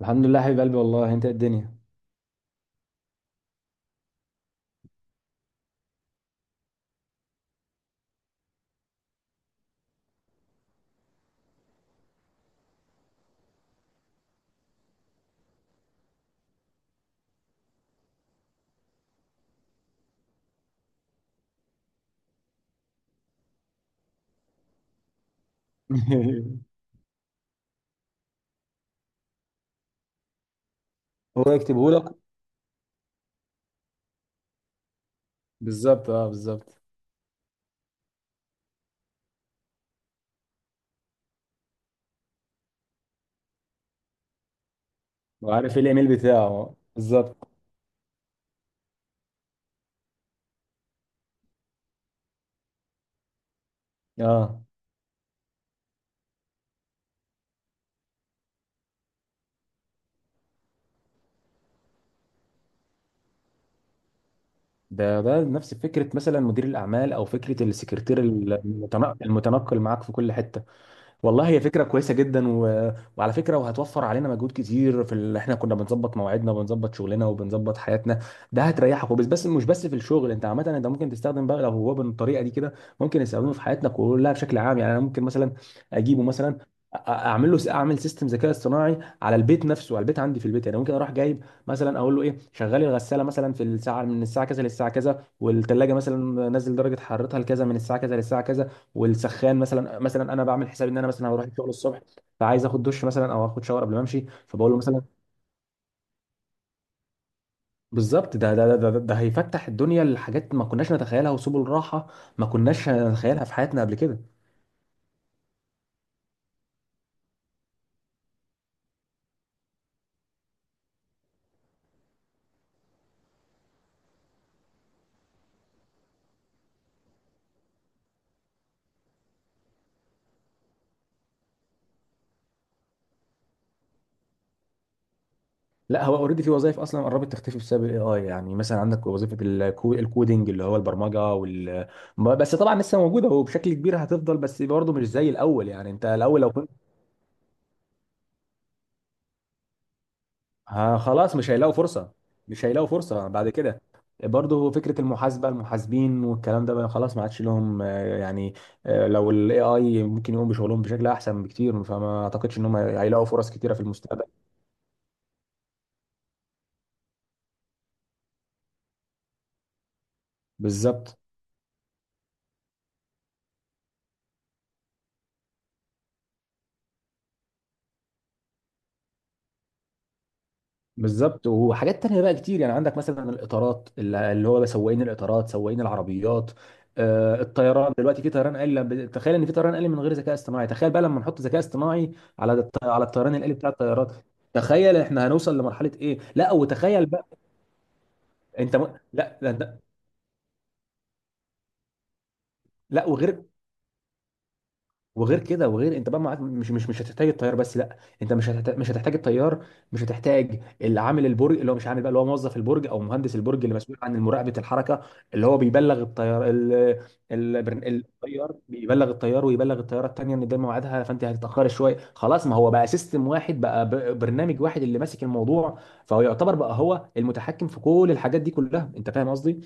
الحمد لله حبيب قلبي. والله انت إيه الدنيا؟ هو يكتبه لك. بالظبط اه بالظبط. وعارف ايه الايميل بتاعه بالظبط. اه ده ده نفس فكره مثلا مدير الاعمال او فكره السكرتير المتنقل معاك في كل حته. والله هي فكرة كويسة جدا وعلى فكرة، وهتوفر علينا مجهود كتير احنا كنا بنظبط مواعيدنا وبنظبط شغلنا وبنظبط حياتنا. ده هتريحك، وبس مش بس في الشغل انت عامة، انت ممكن تستخدم بقى لو هو بالطريقة دي كده، ممكن يستخدمه في حياتنا كلها بشكل عام. يعني انا ممكن مثلا اجيبه مثلا، اعمل له اعمل سيستم ذكاء اصطناعي على البيت نفسه، على البيت عندي في البيت، يعني ممكن اروح جايب مثلا اقول له ايه شغلي، الغساله مثلا في الساعه من الساعه كذا للساعه كذا، والثلاجه مثلا نزل درجه حرارتها لكذا من الساعه كذا للساعه كذا، والسخان مثلا. مثلا انا بعمل حساب ان انا مثلا هروح الشغل الصبح، فعايز اخد دش مثلا او اخد شاور قبل ما امشي، فبقول له مثلا. بالظبط، ده هيفتح الدنيا لحاجات ما كناش نتخيلها، وسبل راحه ما كناش نتخيلها في حياتنا قبل كده. لا هو اوريدي في وظائف اصلا قربت تختفي بسبب الاي اي، يعني مثلا عندك وظيفه الكودينج اللي هو البرمجه وال ما- بس طبعا لسه موجوده وبشكل كبير هتفضل، بس برضه مش زي الاول. يعني انت الاول لو ها خلاص مش هيلاقوا فرصة، مش هيلاقوا فرصة بعد كده. برضه فكرة المحاسبة، المحاسبين والكلام ده بقى خلاص ما عادش لهم، يعني لو ال AI ممكن يقوم بشغلهم بشكل أحسن بكتير، فما أعتقدش إن هم هيلاقوا فرص كتيرة في المستقبل. بالظبط. بالظبط، وحاجات تانية بقى كتير. يعني عندك مثلا الإطارات، اللي هو سواقين الإطارات، سواقين العربيات. الطيران دلوقتي في طيران آلي، تخيل إن في طيران آلي من غير ذكاء اصطناعي، تخيل بقى لما نحط ذكاء اصطناعي على الطيران الآلي بتاع الطيارات. تخيل احنا هنوصل لمرحلة ايه! لا وتخيل بقى. انت م... لا لا. وغير، وغير كده، وغير انت بقى معاك مش هتحتاج الطيار، بس لا انت مش هتحتاج، مش هتحتاج الطيار. مش هتحتاج اللي عامل البرج، اللي هو مش عامل بقى، اللي هو موظف البرج او مهندس البرج اللي مسؤول عن مراقبه الحركه، اللي هو بيبلغ الطيار الطيار، بيبلغ الطيار ويبلغ الطياره الثانيه ان ده ميعادها فانت هتتاخري شويه، خلاص ما هو بقى سيستم واحد بقى، برنامج واحد اللي ماسك الموضوع. فهو يعتبر بقى هو المتحكم في كل الحاجات دي كلها، انت فاهم قصدي؟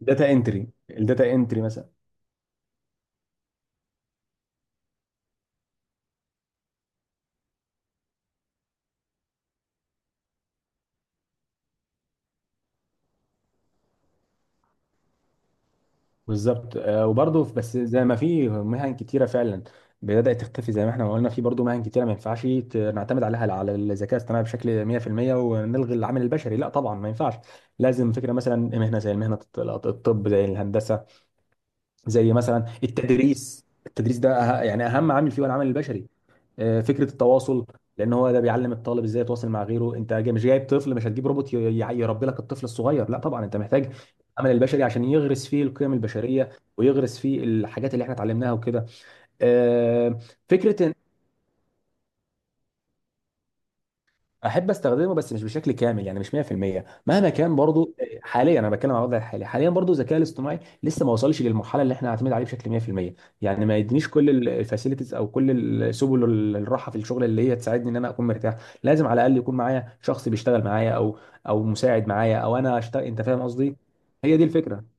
داتا انتري، الداتا انتري مثلا. بالظبط وبرضه بس زي ما في مهن كتيره فعلا بدات تختفي، زي ما احنا ما قلنا، في برضه مهن كتيره ما ينفعش نعتمد عليها على الذكاء الاصطناعي بشكل 100% ونلغي العامل البشري. لا طبعا ما ينفعش، لازم. فكره مثلا مهنه زي مهنه الطب، زي الهندسه، زي مثلا التدريس. التدريس ده يعني اهم عامل فيه هو العامل البشري. فكره التواصل، لان هو ده بيعلم الطالب ازاي يتواصل مع غيره. مش جايب طفل، مش هتجيب روبوت يربي لك الطفل الصغير، لا طبعا، انت محتاج العمل البشري عشان يغرس فيه القيم البشريه، ويغرس فيه الحاجات اللي احنا اتعلمناها وكده. آه، فكره. احب استخدمه بس مش بشكل كامل، يعني مش 100% مهما كان. برضو حاليا انا بتكلم على الوضع الحالي، حاليا برضو الذكاء الاصطناعي لسه ما وصلش للمرحله اللي احنا نعتمد عليه بشكل 100%. يعني ما يدينيش كل الفاسيلتيز او كل سبل الراحه في الشغل اللي هي تساعدني ان انا اكون مرتاح. لازم على الاقل يكون معايا شخص بيشتغل معايا، او او مساعد معايا او انا اشتغل، انت فاهم قصدي. هي دي الفكره.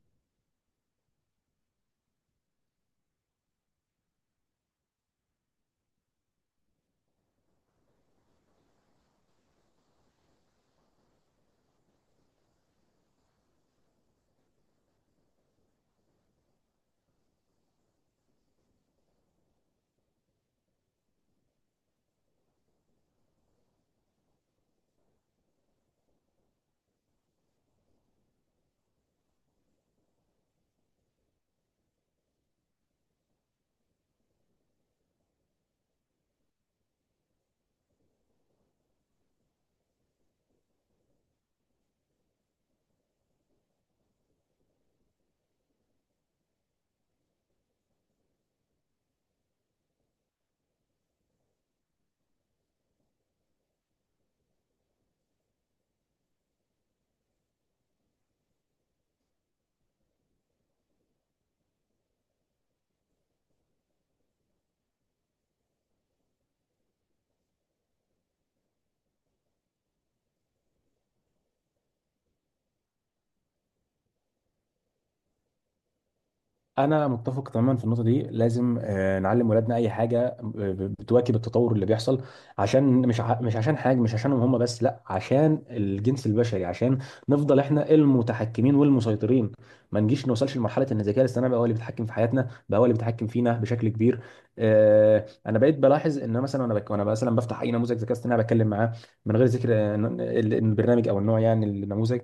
انا متفق تماما في النقطه دي، لازم نعلم ولادنا اي حاجه بتواكب التطور اللي بيحصل، عشان مش مش عشان حاجه، مش عشانهم هم بس، لا عشان الجنس البشري، عشان نفضل احنا المتحكمين والمسيطرين. ما نجيش نوصلش لمرحله ان الذكاء الاصطناعي بقى هو اللي بيتحكم في حياتنا، بقى هو اللي بيتحكم فينا بشكل كبير. انا بقيت بلاحظ ان أنا مثلا، انا وانا مثلا بفتح اي نموذج ذكاء اصطناعي بتكلم معاه من غير ذكر البرنامج او النوع يعني النموذج،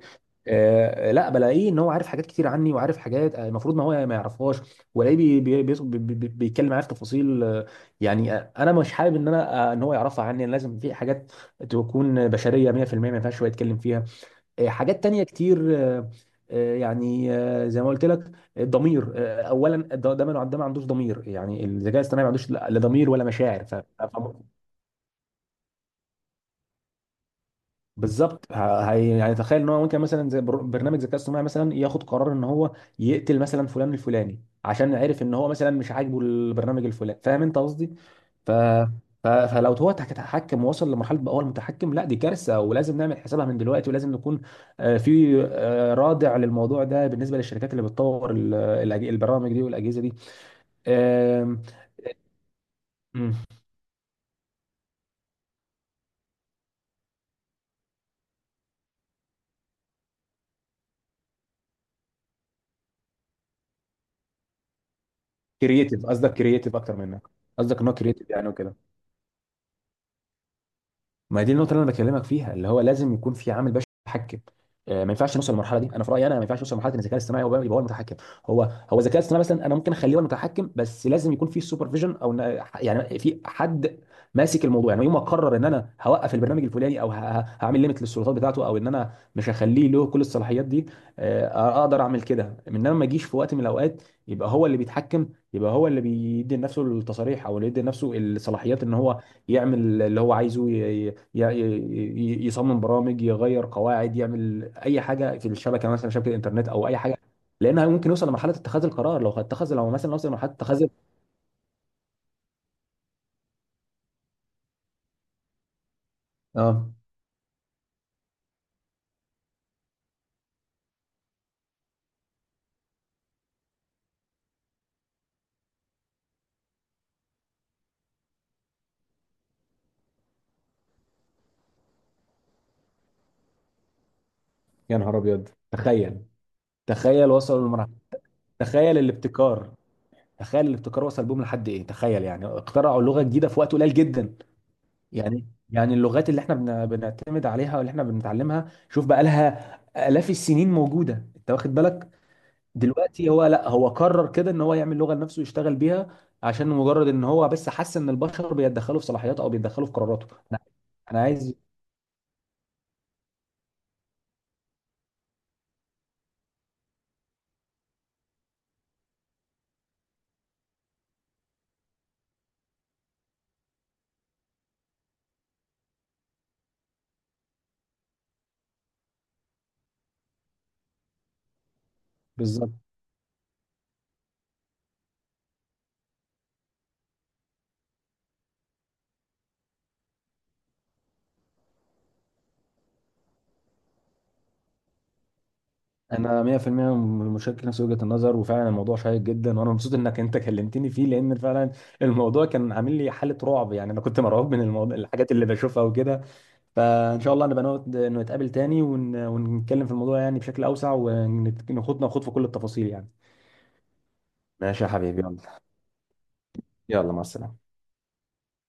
لا بلاقيه ان هو عارف حاجات كتير عني، وعارف حاجات المفروض ما هو ما يعرفهاش. والاقيه بيتكلم معايا في تفاصيل يعني انا مش حابب ان انا ان هو يعرفها عني. لازم في حاجات تكون بشريه 100%، ما ينفعش هو يتكلم فيها. حاجات تانية كتير يعني زي ما قلت لك الضمير، اولا ده ما عندوش ضمير، يعني الذكاء الاصطناعي ما عندوش لا لا ضمير ولا مشاعر بالظبط. هي يعني تخيل ان هو ممكن مثلا زي برنامج ذكاء اصطناعي مثلا ياخد قرار ان هو يقتل مثلا فلان الفلاني عشان عرف ان هو مثلا مش عاجبه البرنامج الفلاني، فاهم انت قصدي؟ ف... فلو هو هيتحكم ووصل لمرحله بقى هو المتحكم، لا دي كارثه ولازم نعمل حسابها من دلوقتي، ولازم نكون في رادع للموضوع ده بالنسبه للشركات اللي بتطور البرامج دي والاجهزه دي. كرييتيف قصدك، كرييتيف اكتر منك؟ قصدك ان هو كرييتيف يعني وكده. ما دي النقطه اللي انا بكلمك فيها، اللي هو لازم يكون في عامل بشري يتحكم. ما ينفعش نوصل للمرحله دي، انا في رايي انا ما ينفعش نوصل لمرحله ان الذكاء الاصطناعي هو يبقى هو المتحكم. هو هو الذكاء الاصطناعي مثلا انا ممكن اخليه هو المتحكم، بس لازم يكون في سوبرفيجن او يعني في حد ماسك الموضوع. يعني يوم ما اقرر ان انا هوقف البرنامج الفلاني، او هعمل ليميت للسلطات بتاعته، او ان انا مش هخليه له كل الصلاحيات دي، اقدر اعمل كده. انما ما اجيش في وقت من الاوقات يبقى هو اللي بيتحكم، يبقى هو اللي بيدي لنفسه التصاريح او اللي بيدي لنفسه الصلاحيات ان هو يعمل اللي هو عايزه، يصمم برامج، يغير قواعد، يعمل اي حاجه في الشبكه مثلا، شبكه انترنت او اي حاجه، لانها ممكن يوصل لمرحله اتخاذ القرار. لو اتخذ لو مثلا وصل لمرحله اتخاذ. اه، يا نهار ابيض! تخيل. تخيل وصلوا لمرحله، تخيل الابتكار، تخيل الابتكار وصل بهم لحد ايه. تخيل يعني اخترعوا لغه جديده في وقت قليل جدا. يعني يعني اللغات اللي احنا بنعتمد عليها واللي احنا بنتعلمها، شوف بقى لها الاف السنين موجوده انت واخد بالك. دلوقتي هو لا هو قرر كده ان هو يعمل لغه لنفسه يشتغل بيها عشان مجرد ان هو بس حس ان البشر بيتدخلوا في صلاحياته او بيتدخلوا في قراراته. انا أنا عايز بالظبط. انا 100% مشارك نفس وجهه النظر، وفعلا الموضوع شيق جدا، وانا مبسوط انك انت كلمتني فيه، لان فعلا الموضوع كان عامل لي حاله رعب. يعني انا كنت مرعوب من الموضوع، الحاجات اللي بشوفها وكده. فان شاء الله نبقى نقعد انه نتقابل تاني ونتكلم في الموضوع يعني بشكل اوسع، وناخد ناخد في كل التفاصيل يعني. ماشي يا حبيبي، يلا. يلا مع السلامه.